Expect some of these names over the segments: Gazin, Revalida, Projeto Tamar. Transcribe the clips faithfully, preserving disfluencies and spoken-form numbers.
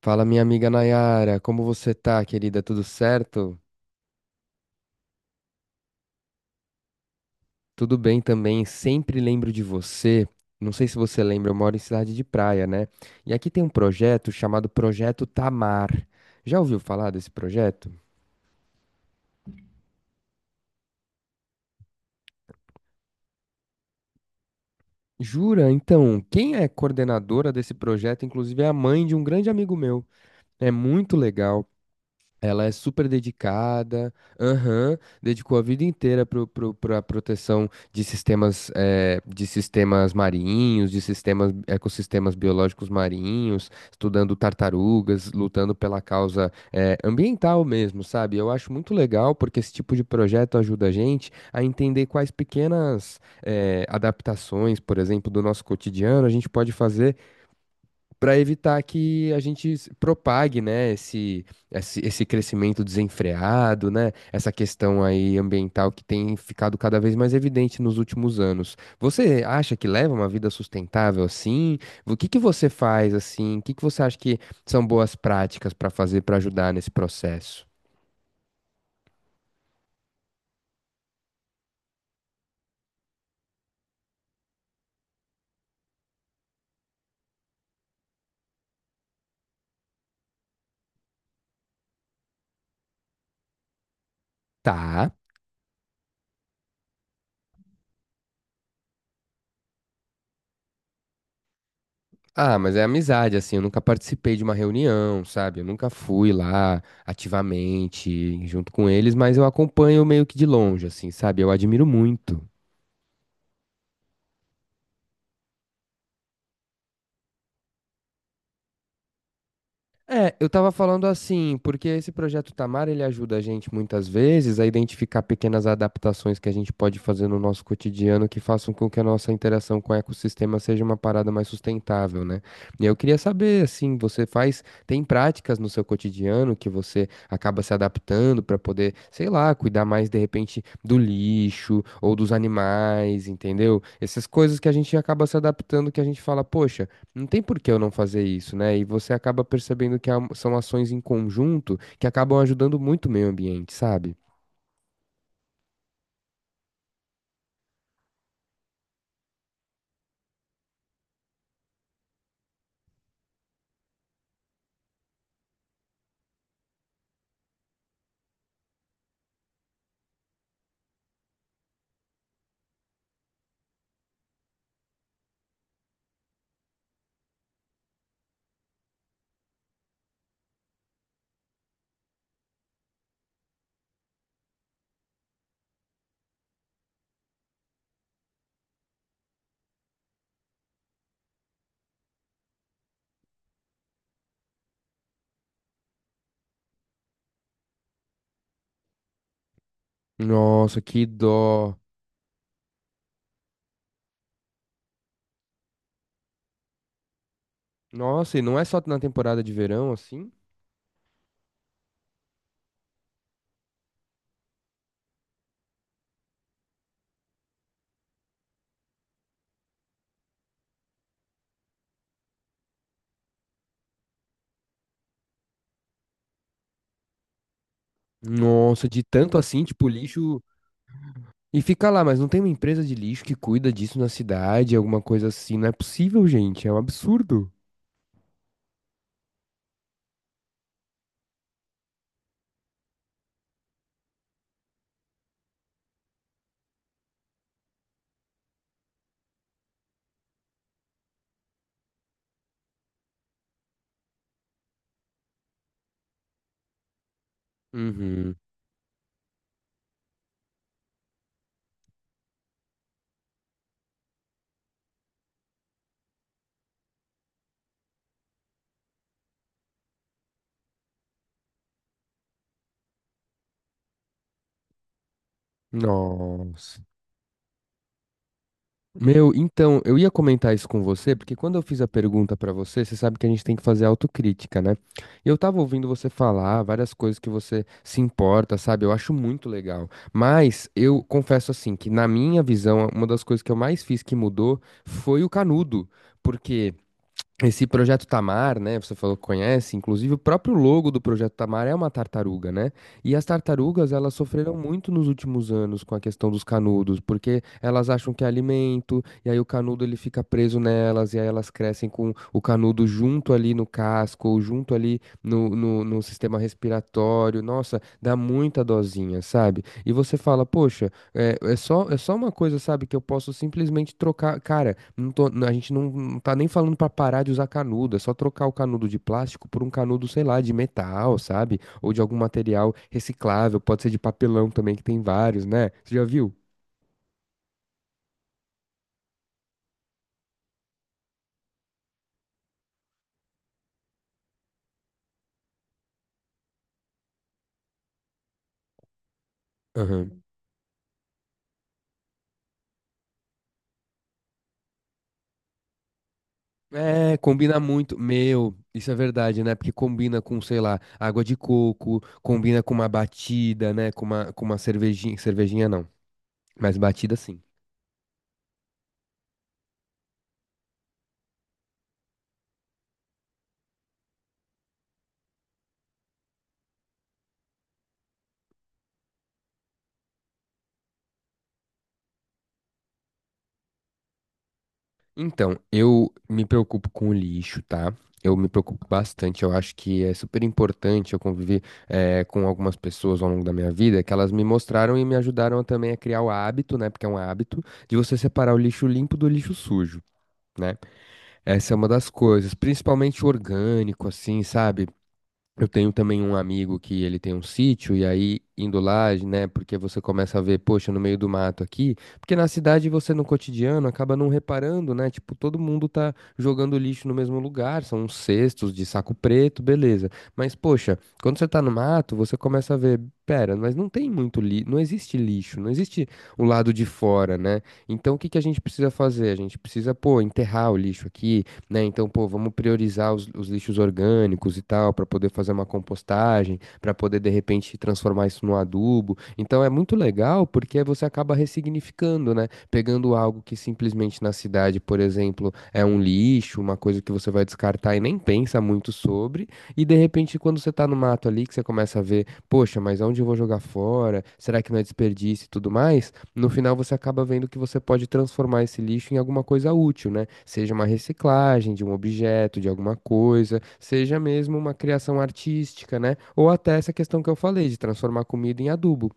Fala, minha amiga Nayara, como você tá, querida? Tudo certo? Tudo bem também, sempre lembro de você. Não sei se você lembra, eu moro em cidade de praia, né? E aqui tem um projeto chamado Projeto Tamar. Já ouviu falar desse projeto? Jura? Então, quem é coordenadora desse projeto, inclusive, é a mãe de um grande amigo meu. É muito legal. Ela é super dedicada, aham, dedicou a vida inteira para a proteção de sistemas, eh, de sistemas marinhos, de sistemas, ecossistemas biológicos marinhos, estudando tartarugas, lutando pela causa, eh, ambiental mesmo, sabe? Eu acho muito legal porque esse tipo de projeto ajuda a gente a entender quais pequenas, eh, adaptações, por exemplo, do nosso cotidiano a gente pode fazer para evitar que a gente se propague, né, esse, esse, esse crescimento desenfreado, né, essa questão aí ambiental que tem ficado cada vez mais evidente nos últimos anos. Você acha que leva uma vida sustentável assim? O que que você faz assim? O que que você acha que são boas práticas para fazer para ajudar nesse processo? Tá. Ah, mas é amizade, assim, eu nunca participei de uma reunião, sabe? Eu nunca fui lá ativamente junto com eles, mas eu acompanho meio que de longe, assim, sabe? Eu admiro muito. É, eu tava falando assim, porque esse projeto Tamar, ele ajuda a gente muitas vezes a identificar pequenas adaptações que a gente pode fazer no nosso cotidiano que façam com que a nossa interação com o ecossistema seja uma parada mais sustentável, né? E eu queria saber, assim, você faz, tem práticas no seu cotidiano que você acaba se adaptando pra poder, sei lá, cuidar mais de repente do lixo ou dos animais, entendeu? Essas coisas que a gente acaba se adaptando que a gente fala, poxa, não tem por que eu não fazer isso, né? E você acaba percebendo que há- são ações em conjunto que acabam ajudando muito o meio ambiente, sabe? Nossa, que dó. Nossa, e não é só na temporada de verão assim? Nossa, de tanto assim, tipo, lixo. E fica lá, mas não tem uma empresa de lixo que cuida disso na cidade, alguma coisa assim. Não é possível, gente. É um absurdo. Uhum. Nossa. Meu, então, eu ia comentar isso com você, porque quando eu fiz a pergunta pra você, você sabe que a gente tem que fazer autocrítica, né? E eu tava ouvindo você falar várias coisas que você se importa, sabe? Eu acho muito legal. Mas eu confesso assim que na minha visão, uma das coisas que eu mais fiz que mudou foi o canudo, porque esse Projeto Tamar, né? Você falou que conhece, inclusive o próprio logo do Projeto Tamar é uma tartaruga, né? E as tartarugas, elas sofreram muito nos últimos anos com a questão dos canudos, porque elas acham que é alimento, e aí o canudo ele fica preso nelas, e aí elas crescem com o canudo junto ali no casco, ou junto ali no, no, no sistema respiratório. Nossa, dá muita dosinha, sabe? E você fala, poxa. É, é só, é só uma coisa, sabe, que eu posso simplesmente trocar. Cara, não tô- a gente não, não tá nem falando pra parar de usar canudo, é só trocar o canudo de plástico por um canudo, sei lá, de metal, sabe? Ou de algum material reciclável, pode ser de papelão também, que tem vários, né? Você já viu? Aham. É, combina muito. Meu, isso é verdade, né? Porque combina com, sei lá, água de coco, combina com uma batida, né? Com uma, com uma cervejinha. Cervejinha não, mas batida sim. Então, eu me preocupo com o lixo, tá? Eu me preocupo bastante. Eu acho que é super importante eu convivi eh, com algumas pessoas ao longo da minha vida que elas me mostraram e me ajudaram também a criar o hábito, né? Porque é um hábito de você separar o lixo limpo do lixo sujo, né? Essa é uma das coisas, principalmente orgânico, assim, sabe? Eu tenho também um amigo que ele tem um sítio, e aí indo lá, né? Porque você começa a ver, poxa, no meio do mato aqui. Porque na cidade você no cotidiano acaba não reparando, né? Tipo, todo mundo tá jogando lixo no mesmo lugar, são uns cestos de saco preto, beleza. Mas, poxa, quando você tá no mato, você começa a ver, pera, mas não tem muito lixo, não existe lixo, não existe o lado de fora, né? Então o que que a gente precisa fazer? A gente precisa, pô, enterrar o lixo aqui, né? Então, pô, vamos priorizar os, os lixos orgânicos e tal, para poder fazer uma compostagem, para poder de repente transformar isso num adubo. Então, é muito legal porque você acaba ressignificando, né? Pegando algo que simplesmente na cidade, por exemplo, é um lixo, uma coisa que você vai descartar e nem pensa muito sobre, e de repente quando você tá no mato ali que você começa a ver, poxa, mas aonde eu vou jogar fora? Será que não é desperdício e tudo mais? No final você acaba vendo que você pode transformar esse lixo em alguma coisa útil, né? Seja uma reciclagem de um objeto, de alguma coisa, seja mesmo uma criação artística, né? Ou até essa questão que eu falei de transformar comida em adubo.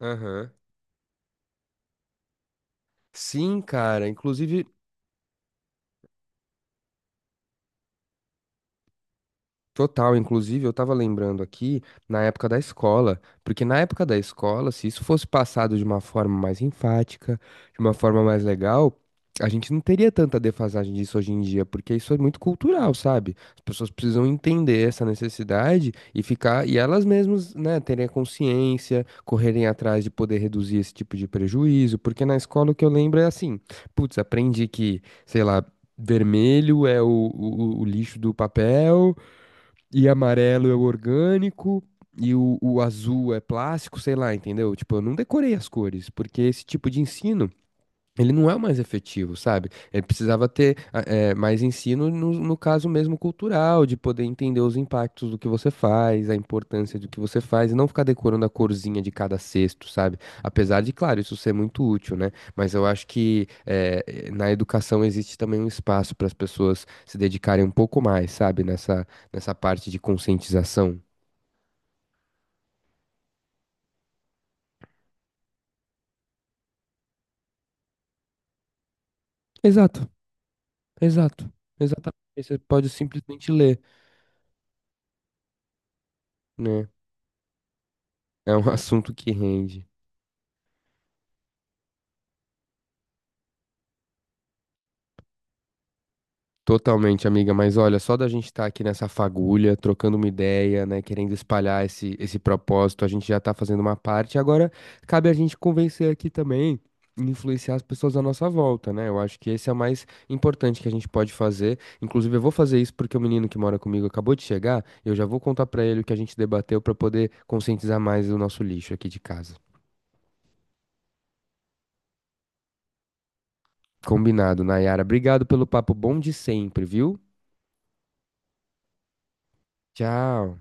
Aham. Sim, cara. Inclusive, total, inclusive eu tava lembrando aqui na época da escola, porque na época da escola, se isso fosse passado de uma forma mais enfática, de uma forma mais legal, a gente não teria tanta defasagem disso hoje em dia, porque isso é muito cultural, sabe? As pessoas precisam entender essa necessidade e ficar, e elas mesmas, né, terem a consciência, correrem atrás de poder reduzir esse tipo de prejuízo, porque na escola o que eu lembro é assim, putz, aprendi que, sei lá, vermelho é o, o o lixo do papel, e amarelo é o orgânico, e o, o azul é plástico, sei lá, entendeu? Tipo, eu não decorei as cores, porque esse tipo de ensino. Ele não é o mais efetivo, sabe? Ele precisava ter ah, eh, mais ensino no, no caso mesmo cultural, de poder entender os impactos do que você faz, a importância do que você faz, e não ficar decorando a corzinha de cada cesto, sabe? Apesar de, claro, isso ser muito útil, né? Mas eu acho que eh, eh, na educação existe também um espaço para as pessoas se dedicarem um pouco mais, sabe? Nessa, nessa parte de conscientização. Exato, exato, exatamente. Você pode simplesmente ler, né? É um assunto que rende. Totalmente, amiga, mas olha, só da gente estar aqui nessa fagulha, trocando uma ideia, né, querendo espalhar esse, esse propósito, a gente já tá fazendo uma parte, agora cabe a gente convencer aqui também, e influenciar as pessoas à nossa volta, né? Eu acho que esse é o mais importante que a gente pode fazer. Inclusive, eu vou fazer isso porque o menino que mora comigo acabou de chegar, eu já vou contar pra ele o que a gente debateu pra poder conscientizar mais o nosso lixo aqui de casa. Combinado, Nayara. Obrigado pelo papo bom de sempre, viu? Tchau.